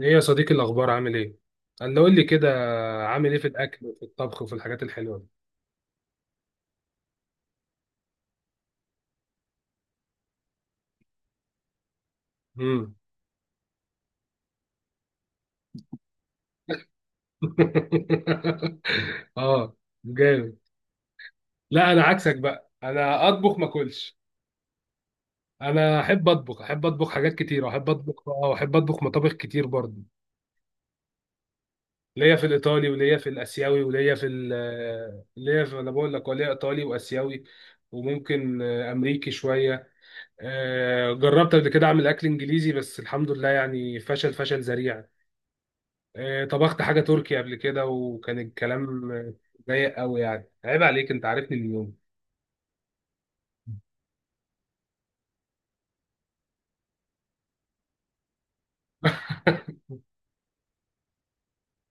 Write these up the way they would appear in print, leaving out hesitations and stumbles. ايه يا صديقي، الاخبار؟ عامل ايه؟ قال له قول لي كده. عامل ايه في الاكل وفي الطبخ وفي الحاجات الحلوه دي؟ امم. اه، جامد. لا، انا عكسك بقى، انا اطبخ ما اكلش. انا احب اطبخ، احب اطبخ حاجات كتير، احب اطبخ اه، احب اطبخ مطابخ كتير برضه. ليا في الايطالي وليا في الاسيوي وليا في ليا في، انا بقول لك، وليا ايطالي واسيوي. وممكن امريكي شويه. جربت قبل كده اعمل اكل انجليزي، بس الحمد لله يعني فشل فشل ذريع. طبخت حاجة تركي قبل كده، وكان الكلام ضيق قوي، يعني عيب عليك، انت عارفني من يوم.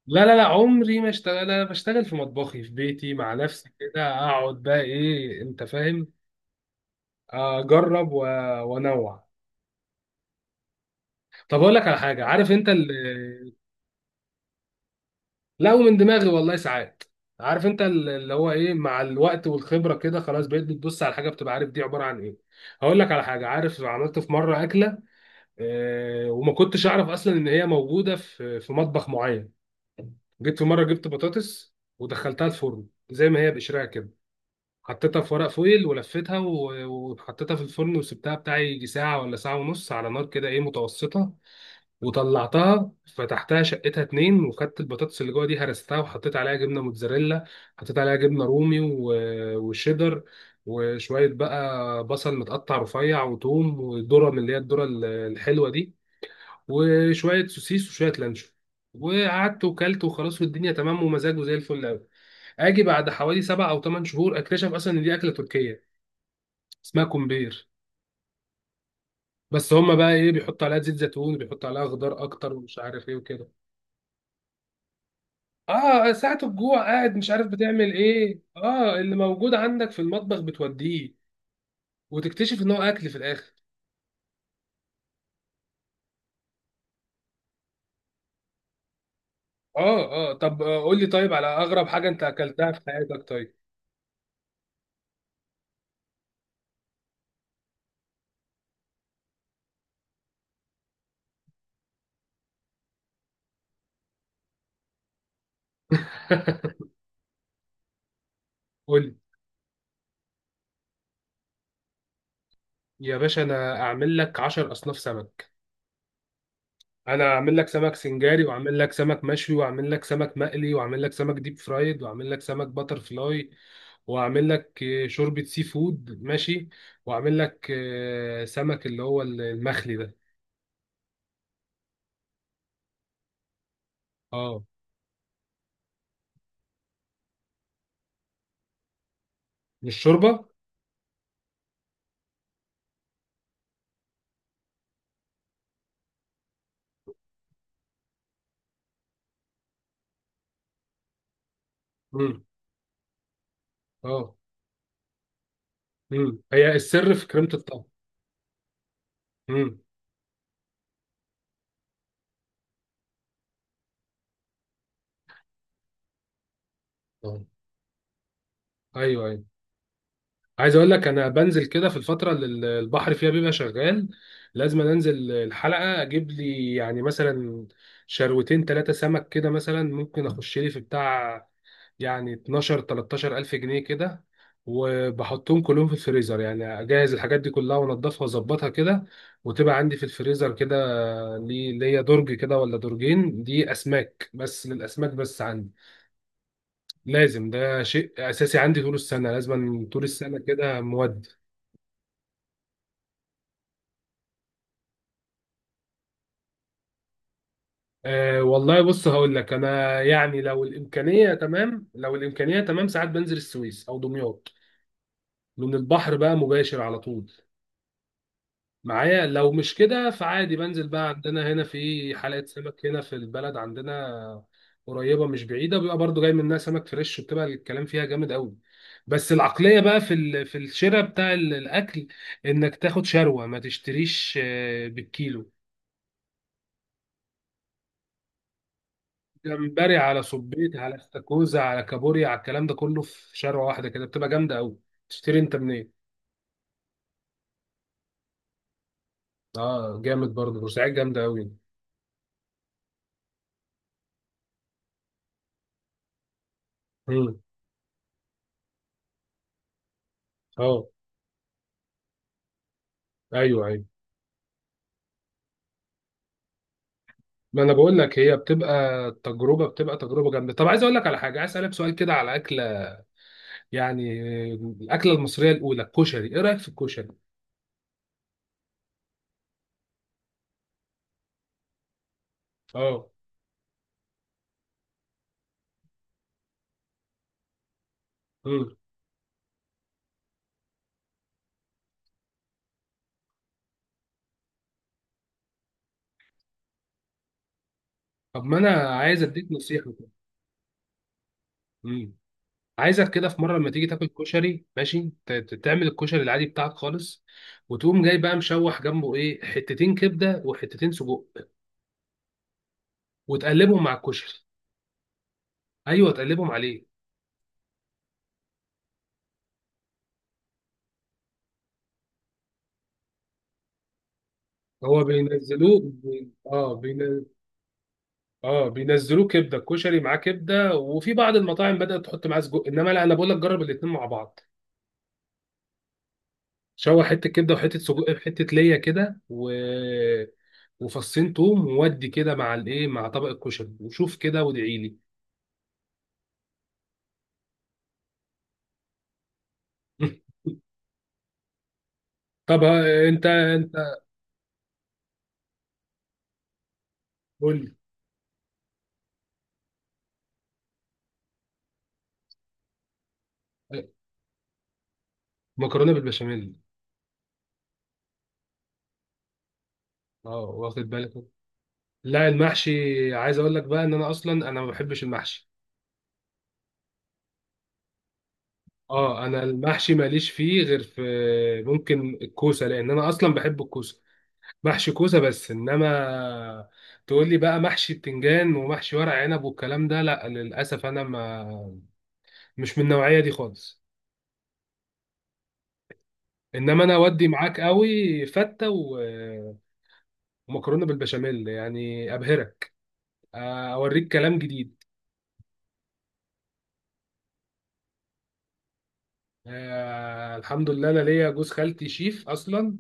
لا لا لا، عمري ما اشتغل، انا بشتغل في مطبخي في بيتي مع نفسي، كده اقعد بقى، ايه انت فاهم؟ اجرب وانوع. طب اقول لك على حاجة، عارف انت لا، ومن دماغي والله ساعات. عارف انت اللي هو ايه، مع الوقت والخبرة كده خلاص بقيت بتبص على حاجة بتبقى عارف دي عبارة عن ايه. هقول لك على حاجة، عارف عملت في مرة أكلة، وما كنتش اعرف اصلا ان هي موجوده في مطبخ معين. جيت في مره جبت بطاطس ودخلتها الفرن زي ما هي بقشرها كده، حطيتها في ورق فويل ولفيتها وحطيتها في الفرن وسبتها بتاع يجي ساعه ولا ساعه ونص على نار كده ايه متوسطه. وطلعتها، فتحتها، شقتها اتنين، وخدت البطاطس اللي جوه دي، هرستها وحطيت عليها جبنه موتزاريلا، حطيت عليها جبنه رومي وشيدر، وشويه بقى بصل متقطع رفيع وتوم وذره من اللي هي الذره الحلوه دي، وشويه سوسيس وشويه لانشون. وقعدت وكلت وخلاص، والدنيا تمام ومزاجه زي الفل قوي. اجي بعد حوالي سبع او ثمان شهور اكتشف اصلا ان دي اكله تركيه، اسمها كومبير. بس هما بقى ايه، بيحطوا عليها زيت زيتون، بيحطوا عليها خضار اكتر ومش عارف ايه وكده. اه، ساعة الجوع قاعد مش عارف بتعمل ايه، اه، اللي موجود عندك في المطبخ بتوديه، وتكتشف ان هو اكل في الاخر. اه اه، طب قول لي طيب، على اغرب حاجة انت اكلتها في حياتك؟ طيب. قول لي. يا باشا، انا اعمل لك 10 اصناف سمك. انا اعمل لك سمك سنجاري، واعمل لك سمك مشوي، واعمل لك سمك مقلي، واعمل لك سمك ديب فرايد، واعمل لك سمك باتر فلاي، واعمل لك شوربة سي فود، ماشي. واعمل لك سمك اللي هو المخلي ده. اه. مش شوربة. امم. اه. هي السر في كريمة الطهي. امم. اه. ايوه ايوه، عايز اقول لك، انا بنزل كده في الفتره اللي البحر فيها بيبقى شغال، لازم انزل الحلقه اجيب لي يعني مثلا شروتين ثلاثه سمك كده، مثلا ممكن اخش لي في بتاع يعني 12 13 الف جنيه كده، وبحطهم كلهم في الفريزر، يعني اجهز الحاجات دي كلها وانضفها واظبطها كده، وتبقى عندي في الفريزر كده. لي، ليا درج كده ولا درجين، دي اسماك بس، للاسماك بس عندي، لازم، ده شيء اساسي عندي طول السنه، لازم طول السنه كده مودي. أه والله، بص هقول لك، انا يعني لو الامكانيه تمام، لو الامكانيه تمام ساعات بنزل السويس او دمياط، لان البحر بقى مباشر على طول معايا. لو مش كده فعادي بنزل بقى عندنا هنا في حلقه سمك هنا في البلد عندنا، قريبه مش بعيده، بيبقى برضو جاي منها سمك فريش، وبتبقى الكلام فيها جامد قوي. بس العقليه بقى في في الشراء بتاع الاكل، انك تاخد شروه ما تشتريش بالكيلو. جمبري على صبيط على استاكوزا على كابوريا على الكلام ده كله في شارع واحده كده، بتبقى جامده قوي. تشتري انت منين؟ اه، جامد برضه، بورسعيد جامده قوي. امم. اه. ايوه ايوه. ما انا بقول لك، هي بتبقى تجربه، بتبقى تجربه جامده. طب عايز اقول لك على حاجه، عايز اسالك سؤال كده على اكله، يعني آه، الاكله المصريه الاولى الكشري، ايه رايك في الكشري؟ اه. امم. طب ما انا عايز اديك نصيحه كده. امم. عايزك كده في مره لما تيجي تاكل كشري ماشي، تعمل الكشري العادي بتاعك خالص، وتقوم جاي بقى مشوح جنبه ايه، حتتين كبده وحتتين سجق، وتقلبهم مع الكشري. ايوه تقلبهم عليه. هو بينزلوه بي... اه بين... اه بينزلوه كبده، الكشري معاه كبده، وفي بعض المطاعم بدات تحط معاه سجق. انما لا، انا بقول لك جرب الاثنين مع بعض، شوح حته كبده وحته سجق، حته ليا كده وفصين توم وودي كده مع الايه، مع طبق الكشري، وشوف كده وادعي لي. طب انت. قول لي. مكرونه بالبشاميل. اه، واخد بالك. لا، المحشي، عايز اقول لك بقى ان انا اصلا، انا ما بحبش المحشي. اه، انا المحشي ماليش فيه غير في، ممكن الكوسه، لان انا اصلا بحب الكوسه، محشي كوسه بس. انما تقول لي بقى محشي بتنجان ومحشي ورق عنب والكلام ده، لا للاسف، انا ما، مش من النوعيه دي خالص. انما انا اودي معاك قوي فته ومكرونه بالبشاميل، يعني ابهرك، اوريك كلام جديد. الحمد لله، انا ليا جوز خالتي شيف اصلا،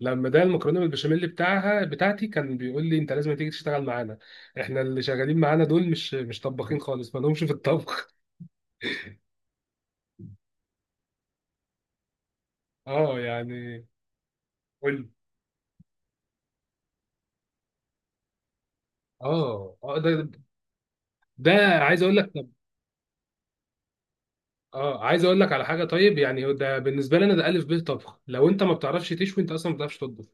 لما ده المكرونه بالبشاميل بتاعها بتاعتي، كان بيقول لي انت لازم تيجي تشتغل معانا، احنا اللي شغالين معانا دول مش طباخين خالص، ما لهمش في الطبخ. اه يعني. قول لي. اه اه، ده ده عايز اقول لك، طب اه، عايز اقول لك على حاجه طيب، يعني ده بالنسبه لي انا، ده الف ب طبخ، لو انت ما بتعرفش تشوي انت اصلا ما بتعرفش تطبخ.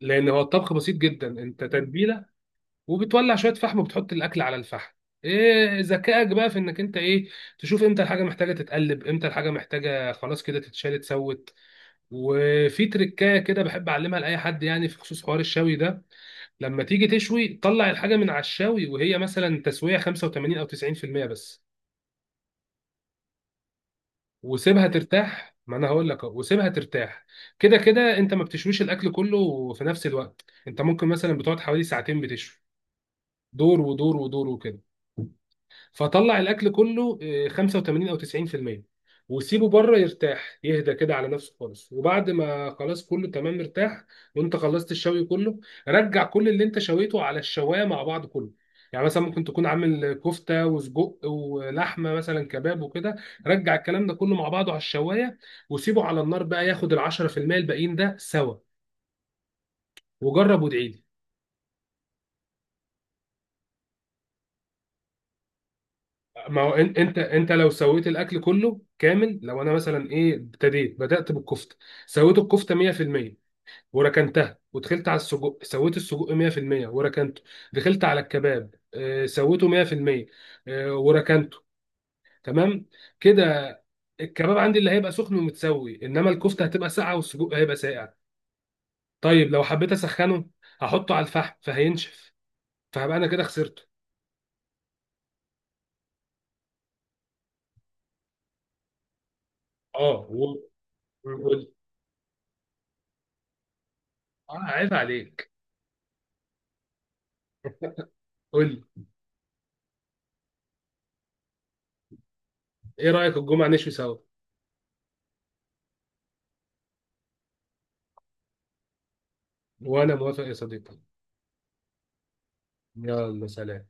لان هو الطبخ بسيط جدا، انت تتبيله، وبتولع شويه فحم، وبتحط الاكل على الفحم. ايه ذكائك بقى في انك انت ايه، تشوف امتى الحاجه محتاجه تتقلب، امتى الحاجه محتاجه خلاص كده تتشال، اتسوت. وفي تركايه كده بحب اعلمها لاي حد يعني في خصوص حوار الشوي ده. لما تيجي تشوي، طلع الحاجه من على الشوي وهي مثلا تسويه 85 او 90% بس، وسيبها ترتاح. ما انا هقول لك أهو، وسيبها ترتاح. كده كده انت ما بتشويش الاكل كله في نفس الوقت، انت ممكن مثلا بتقعد حوالي ساعتين بتشوي، دور ودور ودور وكده. فطلع الاكل كله 85 او 90%، وسيبه بره يرتاح، يهدى كده على نفسه خالص. وبعد ما خلاص كله تمام مرتاح، وانت خلصت الشوي كله، رجع كل اللي انت شويته على الشوايه مع بعض كله. يعني مثلا ممكن تكون عامل كفته وسجق ولحمه مثلا كباب وكده، رجع الكلام ده كله مع بعضه على الشوايه، وسيبه على النار بقى ياخد ال 10% الباقيين ده سوا، وجرب وادعي. ما هو انت لو سويت الاكل كله كامل، لو انا مثلا ايه، بدات بالكفته، سويت الكفته 100% وركنتها، ودخلت على السجق سويت السجق 100% وركنته، دخلت على الكباب سويته 100%، وركنته. تمام كده. الكباب عندي اللي هيبقى سخن ومتسوي، انما الكفته هتبقى ساقعه والسجق هيبقى ساقع. طيب لو حبيت اسخنه، هحطه على الفحم فهينشف، فهبقى انا كده خسرته. اه و... و... اه، عيب عليك. قول لي. ايه رايك الجمعه نشوي سوا؟ وأنا موافق يا صديقي. يلا، سلام.